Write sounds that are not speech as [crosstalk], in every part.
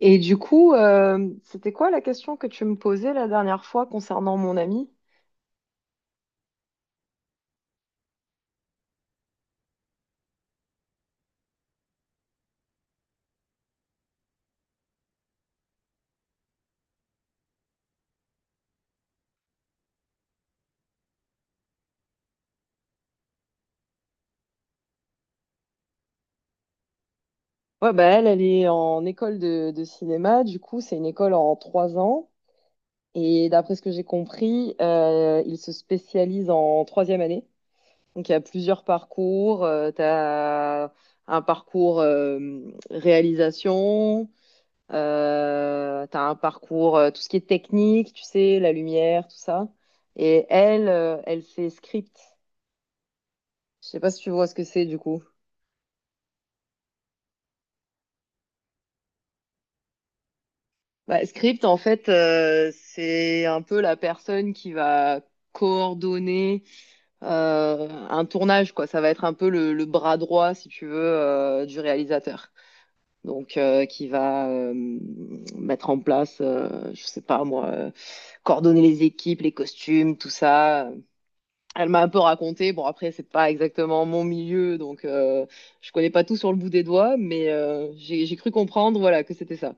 Et du coup, euh, C'était quoi la question que tu me posais la dernière fois concernant mon amie? Ouais, bah elle est en école de cinéma. Du coup, c'est une école en 3 ans. Et d'après ce que j'ai compris, ils se spécialisent en troisième année. Donc, il y a plusieurs parcours. Tu as un parcours réalisation. Tu as un parcours, tout ce qui est technique, tu sais, la lumière, tout ça. Et elle, elle fait script. Je sais pas si tu vois ce que c'est du coup. Bah, script, en fait, c'est un peu la personne qui va coordonner un tournage, quoi. Ça va être un peu le bras droit, si tu veux, du réalisateur. Donc, qui va mettre en place, je sais pas moi, coordonner les équipes, les costumes, tout ça. Elle m'a un peu raconté. Bon, après, c'est pas exactement mon milieu, donc je connais pas tout sur le bout des doigts, mais j'ai cru comprendre, voilà, que c'était ça.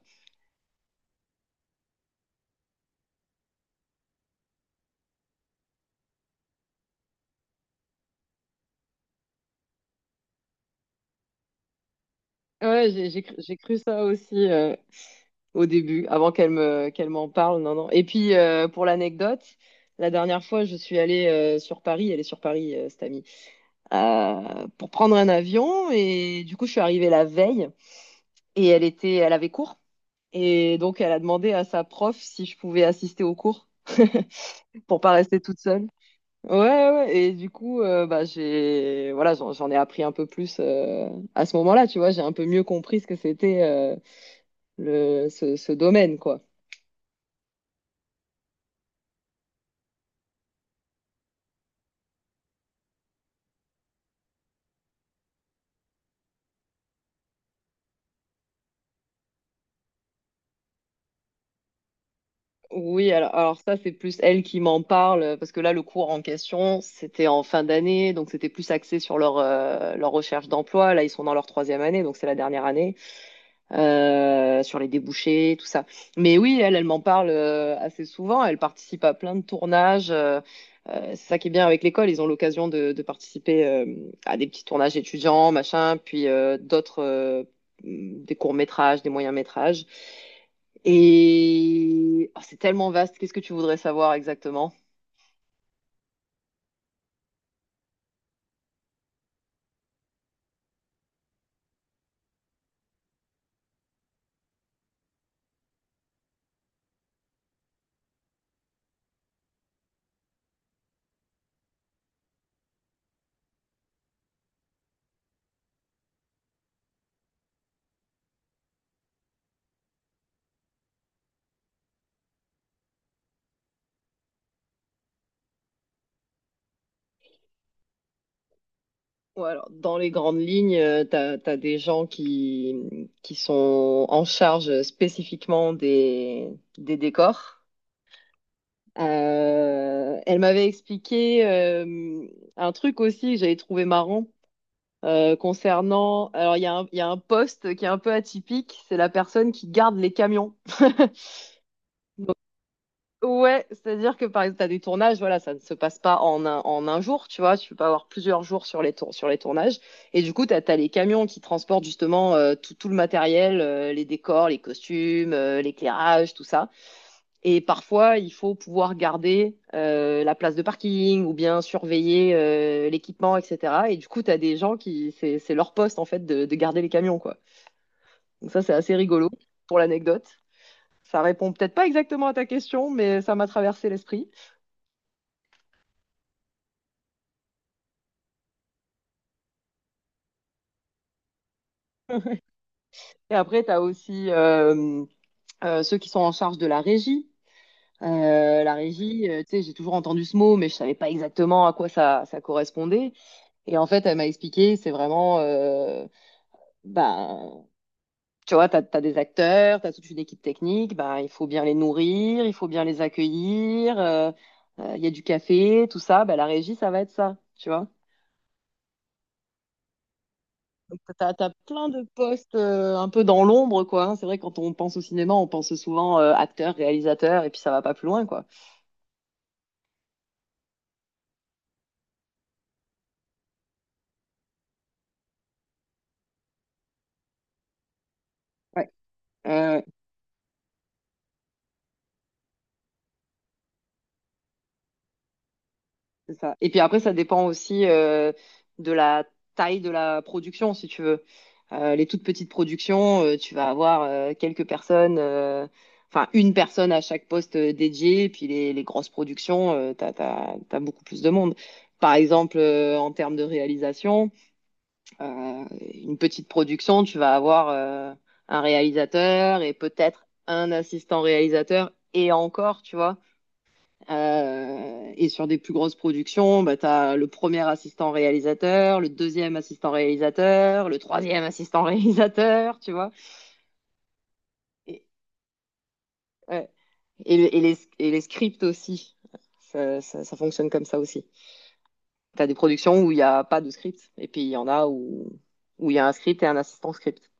Ouais, j'ai cru, j'ai cru ça aussi au début, avant qu'elle m'en parle. Non, non. Et puis pour l'anecdote, la dernière fois, je suis allée sur Paris. Elle est sur Paris, cette amie, pour prendre un avion. Et du coup, je suis arrivée la veille et elle avait cours. Et donc, elle a demandé à sa prof si je pouvais assister au cours [laughs] pour pas rester toute seule. Ouais, ouais, ouais. Et du coup, bah j'ai voilà, j'en ai appris un peu plus à ce moment-là. Tu vois, j'ai un peu mieux compris ce que c'était. Ce domaine, quoi. Oui, alors ça, c'est plus elle qui m'en parle, parce que là, le cours en question, c'était en fin d'année, donc c'était plus axé sur leur, leur recherche d'emploi. Là, ils sont dans leur troisième année, donc c'est la dernière année. Sur les débouchés, tout ça. Mais oui, elle m'en parle assez souvent. Elle participe à plein de tournages. C'est ça qui est bien avec l'école. Ils ont l'occasion de participer à des petits tournages étudiants, machin, puis d'autres, des courts-métrages, des moyens-métrages. Et oh, c'est tellement vaste. Qu'est-ce que tu voudrais savoir exactement? Ouais, alors, dans les grandes lignes, t'as des gens qui sont en charge spécifiquement des décors. Elle m'avait expliqué un truc aussi que j'avais trouvé marrant concernant. Alors, il y a un poste qui est un peu atypique, c'est la personne qui garde les camions. [laughs] Donc, ouais, c'est-à-dire que par exemple, tu as des tournages, voilà, ça ne se passe pas en un jour, tu vois, tu peux pas avoir plusieurs jours sur sur les tournages. Et du coup, les camions qui transportent justement tout le matériel, les décors, les costumes, l'éclairage, tout ça. Et parfois, il faut pouvoir garder la place de parking ou bien surveiller l'équipement, etc. Et du coup, tu as des gens c'est leur poste en fait de garder les camions, quoi. Donc ça, c'est assez rigolo pour l'anecdote. Ça répond peut-être pas exactement à ta question, mais ça m'a traversé l'esprit. [laughs] Et après, tu as aussi ceux qui sont en charge de la régie. La régie, tu sais, j'ai toujours entendu ce mot, mais je savais pas exactement à quoi ça correspondait. Et en fait, elle m'a expliqué, c'est vraiment, bah, tu vois, des acteurs, tu as toute une équipe technique, bah, il faut bien les nourrir, il faut bien les accueillir, il y a du café, tout ça, bah, la régie, ça va être ça, tu vois. Donc, plein de postes un peu dans l'ombre, quoi, hein. C'est vrai, quand on pense au cinéma, on pense souvent acteur, réalisateur, et puis ça va pas plus loin, quoi. Ouais. Euh, C'est ça. Et puis après, ça dépend aussi de la taille de la production, si tu veux. Les toutes petites productions, tu vas avoir quelques personnes, enfin une personne à chaque poste dédié. Et puis les grosses productions, t'as beaucoup plus de monde. Par exemple, en termes de réalisation, euh, une petite production, tu vas avoir un réalisateur et peut-être un assistant réalisateur et encore, tu vois. Et sur des plus grosses productions, bah, tu as le premier assistant réalisateur, le deuxième assistant réalisateur, le troisième assistant [laughs] réalisateur, tu vois. Et, ouais. Et les scripts aussi. Ça, ça fonctionne comme ça aussi. Tu as des productions où il n'y a pas de script, et puis il y en a où où il où y a un script et un assistant script.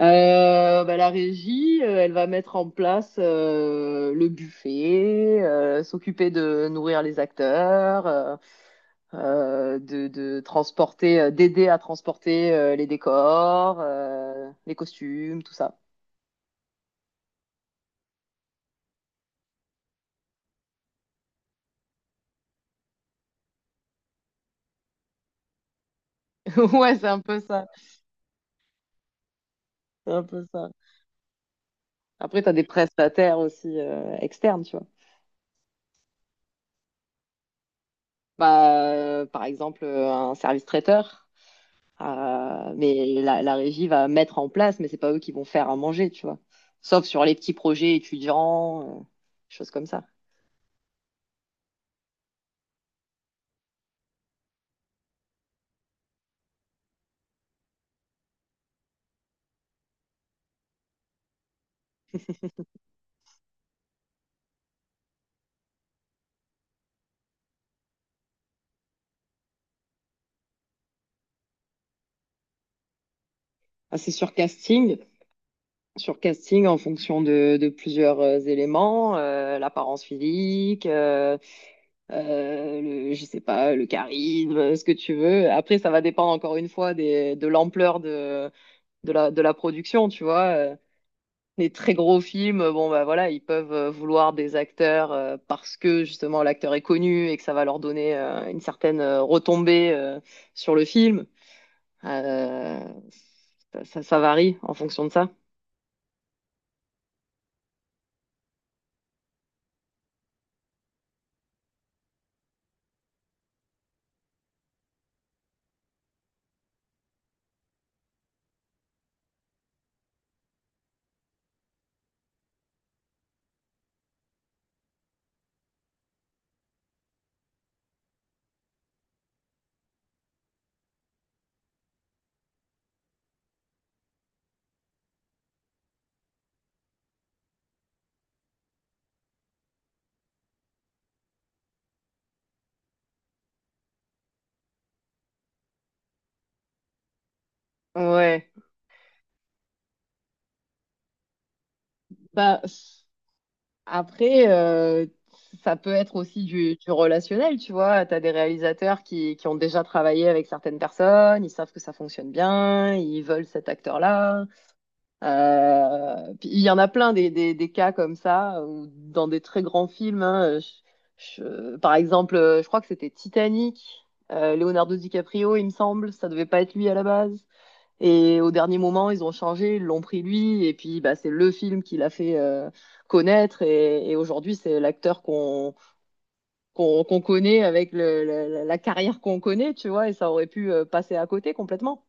Bah, la régie, elle va mettre en place le buffet, s'occuper de nourrir les acteurs, de transporter, d'aider à transporter les décors, les costumes, tout ça. [laughs] Ouais, c'est un peu ça. C'est un peu ça. Après, t'as des prestataires aussi externes, tu vois. Bah, par exemple, un service traiteur. Mais la régie va mettre en place, mais c'est pas eux qui vont faire à manger, tu vois. Sauf sur les petits projets étudiants, choses comme ça. Ah, c'est sur casting en fonction de plusieurs éléments, l'apparence physique, euh, je sais pas, le charisme, ce que tu veux. Après, ça va dépendre encore une fois de l'ampleur de la production, tu vois. Les très gros films, bon bah voilà, ils peuvent vouloir des acteurs parce que justement l'acteur est connu et que ça va leur donner une certaine retombée sur le film. Euh, Ça varie en fonction de ça. Ouais. Bah, après, ça peut être aussi du relationnel, tu vois. Tu as des réalisateurs qui ont déjà travaillé avec certaines personnes, ils savent que ça fonctionne bien, ils veulent cet acteur-là. Puis il y en a plein des cas comme ça, ou dans des très grands films, hein. Par exemple, je crois que c'était Titanic, Leonardo DiCaprio, il me semble, ça devait pas être lui à la base. Et au dernier moment, ils ont changé, ils l'ont pris lui, et puis bah, c'est le film qui l'a fait connaître. Et aujourd'hui, c'est l'acteur qu'on connaît avec le, la carrière qu'on connaît, tu vois, et ça aurait pu passer à côté complètement.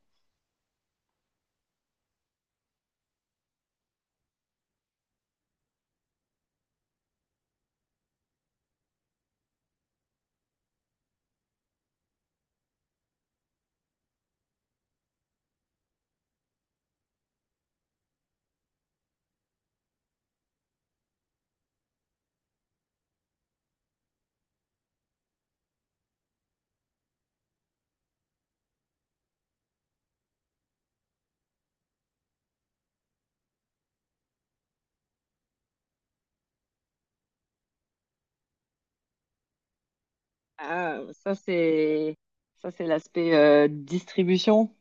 Ah, ça, c'est l'aspect distribution,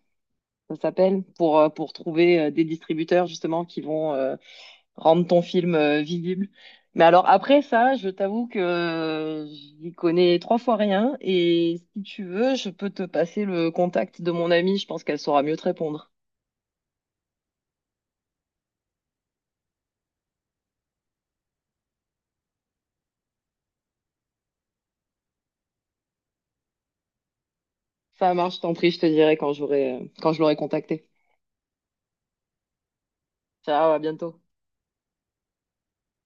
ça s'appelle, pour trouver des distributeurs justement qui vont rendre ton film visible. Mais alors après ça, je t'avoue que j'y connais trois fois rien et si tu veux, je peux te passer le contact de mon amie, je pense qu'elle saura mieux te répondre. Ça marche, je t'en prie, je te dirai quand j'aurai quand je l'aurai contactée. Ciao, à bientôt.